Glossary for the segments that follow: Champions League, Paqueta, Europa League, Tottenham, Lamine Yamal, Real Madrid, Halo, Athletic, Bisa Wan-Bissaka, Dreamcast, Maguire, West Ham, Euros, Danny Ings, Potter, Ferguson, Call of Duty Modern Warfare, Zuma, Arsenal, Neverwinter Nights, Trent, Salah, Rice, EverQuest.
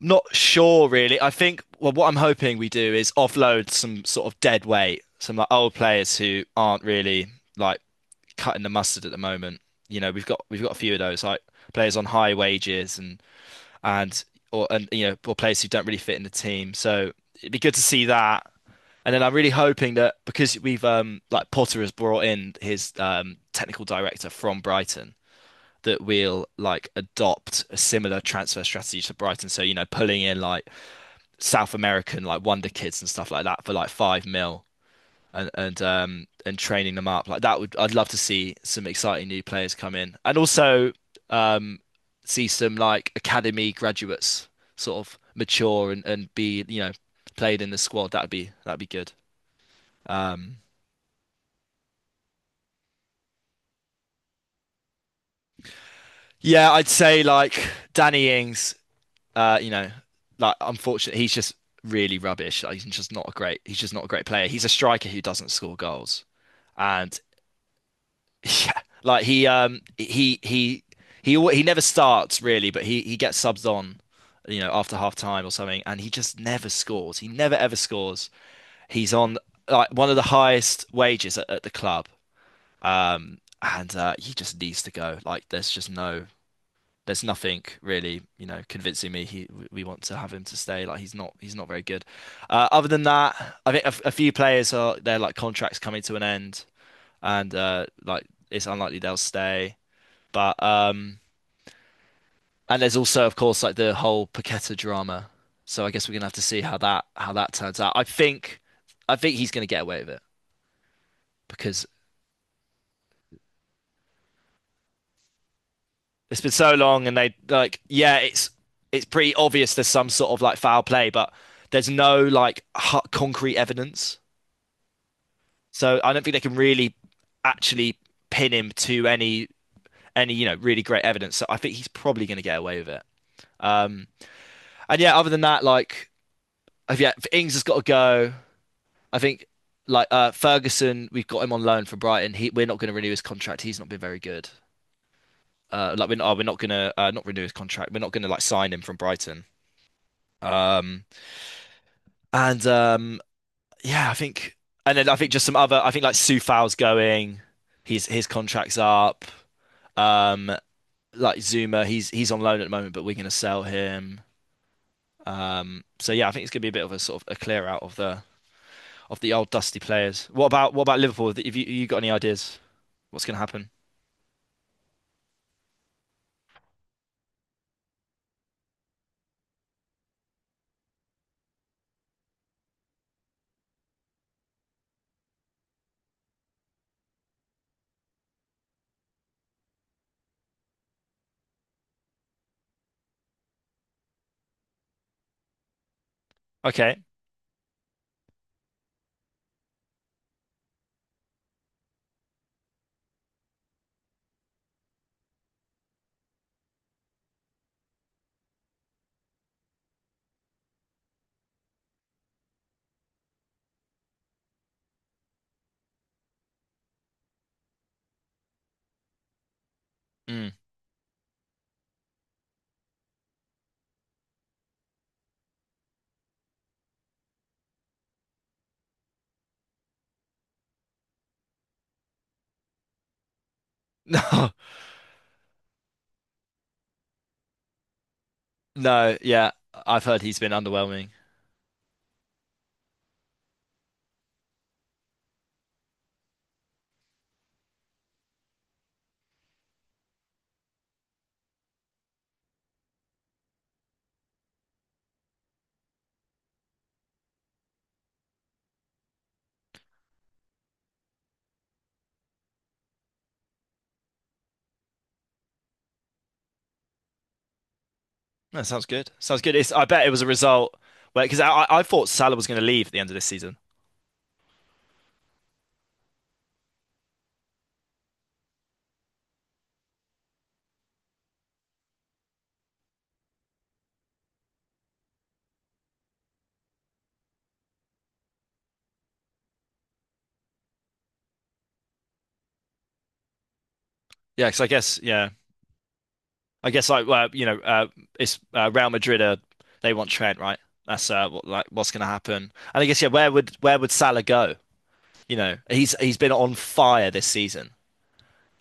Not sure, really. What I'm hoping we do is offload some sort of dead weight, some old players who aren't really like cutting the mustard at the moment. You know, we've got a few of those, like players on high wages and or and you know, or players who don't really fit in the team. So it'd be good to see that. And then I'm really hoping that because we've like Potter has brought in his technical director from Brighton, that we'll adopt a similar transfer strategy to Brighton. So, pulling in like South American wonder kids and stuff like that for like five mil and training them up like that would I'd love to see some exciting new players come in. And also um see some like academy graduates sort of mature and be, you know, played in the squad. That'd be good. um yeah, I'd say like Danny Ings, uh you know unfortunately he's just really rubbish. Like, he's just not a great player. He's a striker who doesn't score goals. and Yeah, like he never starts really, but he gets subs on, you know, after half time or something, and he just never scores. He never ever scores. He's on like one of the highest wages at the club, and he just needs to go. Like there's just no, there's nothing really, you know, convincing me he we want to have him to stay. Like he's not very good. Other than that, I think a few players are, their like contracts coming to an end, and it's unlikely they'll stay. But and there's also, of course, like the whole Paqueta drama. So I guess we're gonna have to see how that turns out. I think he's gonna get away with it because it's been so long, and they like yeah, it's pretty obvious there's some sort of like foul play, but there's no concrete evidence. So I don't think they can really actually pin him to any you know really great evidence. So I think he's probably gonna get away with it. Um, and yeah, other than that, if Ings has got to go. I think Ferguson, we've got him on loan for Brighton. We're not going to renew his contract. He's not been very good. We're not going to not renew his contract. We're not going to like sign him from Brighton. Um, and yeah, I think, and then I think just some other. I think like Sufao's going. His contract's up. Um, like Zuma, he's on loan at the moment, but we're going to sell him. So yeah, I think it's going to be a bit of a sort of a clear out of the old dusty players. What about Liverpool? Have you got any ideas? What's going to happen? Okay. Mm. No, no, yeah. I've heard he's been underwhelming. That sounds good. Sounds good. It's, I bet it was a result where, because I thought Salah was going to leave at the end of this season. Yeah, because I guess yeah, I guess like well, you know, it's Real Madrid. They want Trent, right? That's what's going to happen. And I guess, yeah, where would Salah go? You know, he's been on fire this season.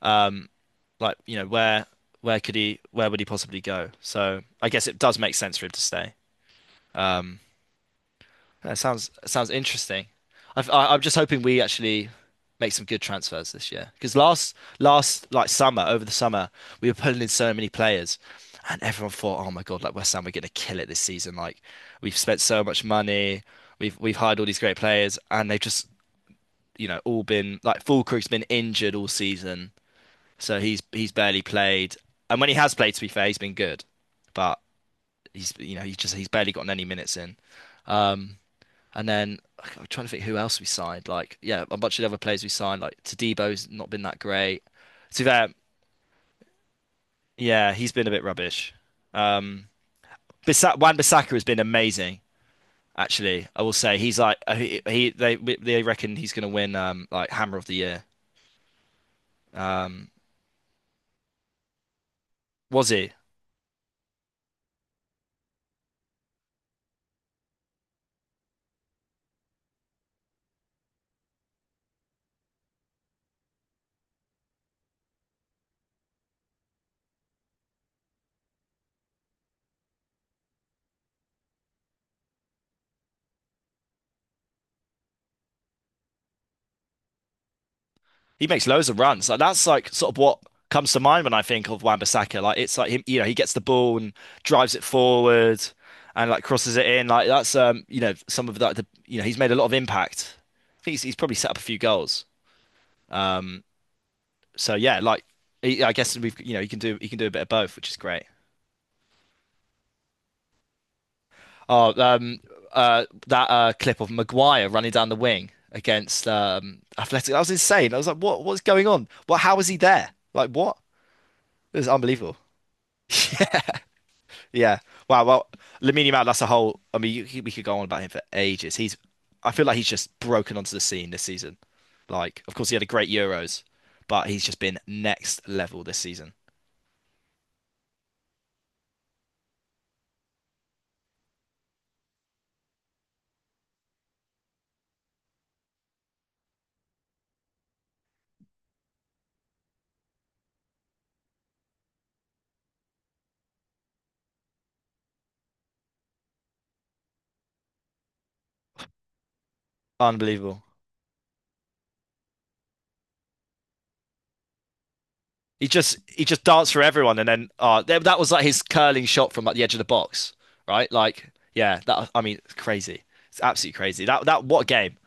Um, like you know, where where would he possibly go? So I guess it does make sense for him to stay. Um. That sounds interesting. I'm just hoping we actually make some good transfers this year, because last last like summer over the summer we were pulling in so many players, and everyone thought, oh my God, like West Ham, we're gonna kill it this season. Like we've spent so much money, we've hired all these great players, and they've just, you know, all been like Fulkrug's been injured all season, so he's barely played, and when he has played, to be fair, he's been good, but he's you know he's just he's barely gotten any minutes in. Um, I'm trying to think who else we signed. Like, yeah, a bunch of the other players we signed. Like Tadebo's not been that great. To that, yeah, he's been a bit rubbish. Um, Bisa Wan-Bissaka has been amazing. Actually, I will say he's like he they reckon he's going to win like Hammer of the Year. Um, was he? He makes loads of runs. Like that's like sort of what comes to mind when I think of Wan-Bissaka. Like it's like him, you know, he gets the ball and drives it forward and like crosses it in. Like that's you know, some of that the, you know, he's made a lot of impact. He's probably set up a few goals. Um, yeah, like I guess we've, you know, he can do a bit of both, which is great. Oh, um, that clip of Maguire running down the wing against Athletic. That was insane. I was like, what, what's going on? What how is he there? Like what? It was unbelievable. Yeah. Wow. Well, Lamine Yamal, that's a whole. We could go on about him for ages. He's. I feel like he's just broken onto the scene this season. Like, of course, he had a great Euros, but he's just been next level this season. Unbelievable. He just danced for everyone, and then that was like his curling shot from like the edge of the box, right? Like, yeah. That I mean, it's crazy. It's absolutely crazy. That that What a game.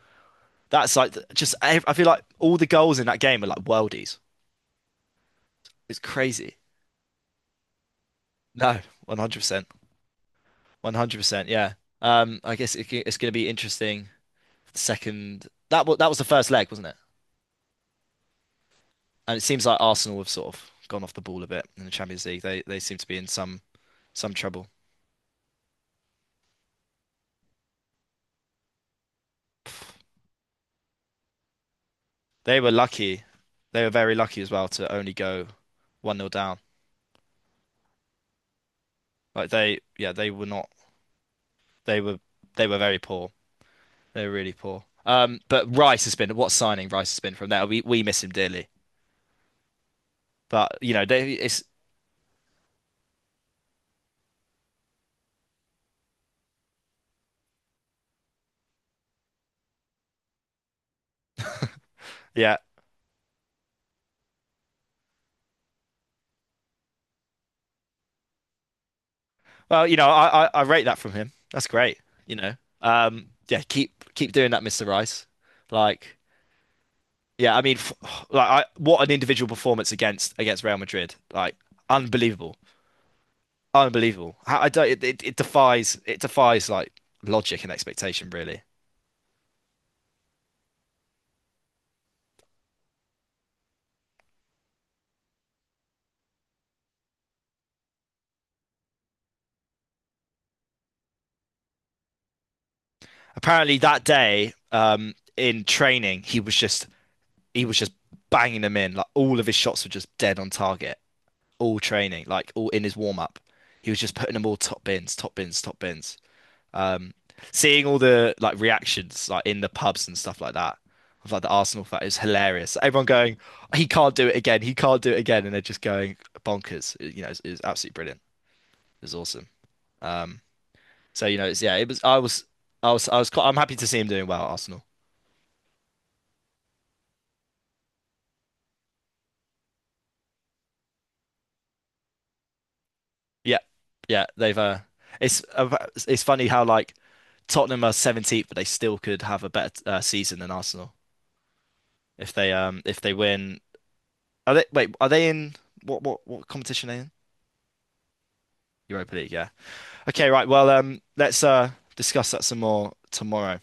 That's like just. I feel like all the goals in that game are like worldies. It's crazy. No, 100%. 100%, yeah. I guess it's going to be interesting. Second, that was the first leg, wasn't it? And it seems like Arsenal have sort of gone off the ball a bit in the Champions League. They seem to be in some trouble. They were lucky. They were very lucky as well to only go one nil down. Like they, yeah, they were not. They were they were very poor. They were really poor. But Rice has been, what, signing Rice has been from there. We miss him dearly. But you know, they it's yeah. Well, you know, I rate that from him. That's great. You know, yeah, keep doing that, Mr. Rice. Like, yeah, I mean, f what an individual performance against Real Madrid. Like, unbelievable, unbelievable. How- I don't. It defies, it defies like logic and expectation, really. Apparently, that day, in training, he was just banging them in. Like, all of his shots were just dead on target. All training, like all in his warm up, he was just putting them all top bins, top bins, top bins. Um, Seeing all the like reactions like in the pubs and stuff like that of like the Arsenal fan is hilarious. Everyone going, he can't do it again, and they're just going bonkers. It's absolutely brilliant. It's awesome. Um, so you know, it's yeah, it was I was I was I was quite, I'm happy to see him doing well at Arsenal. Yeah, yeah, they've it's uh, it's funny how like Tottenham are 17th, but they still could have a better season than Arsenal if they win. Are they, wait? Are they in what competition are they in? Europa League, yeah. Okay, right. Well, let's discuss that some more tomorrow.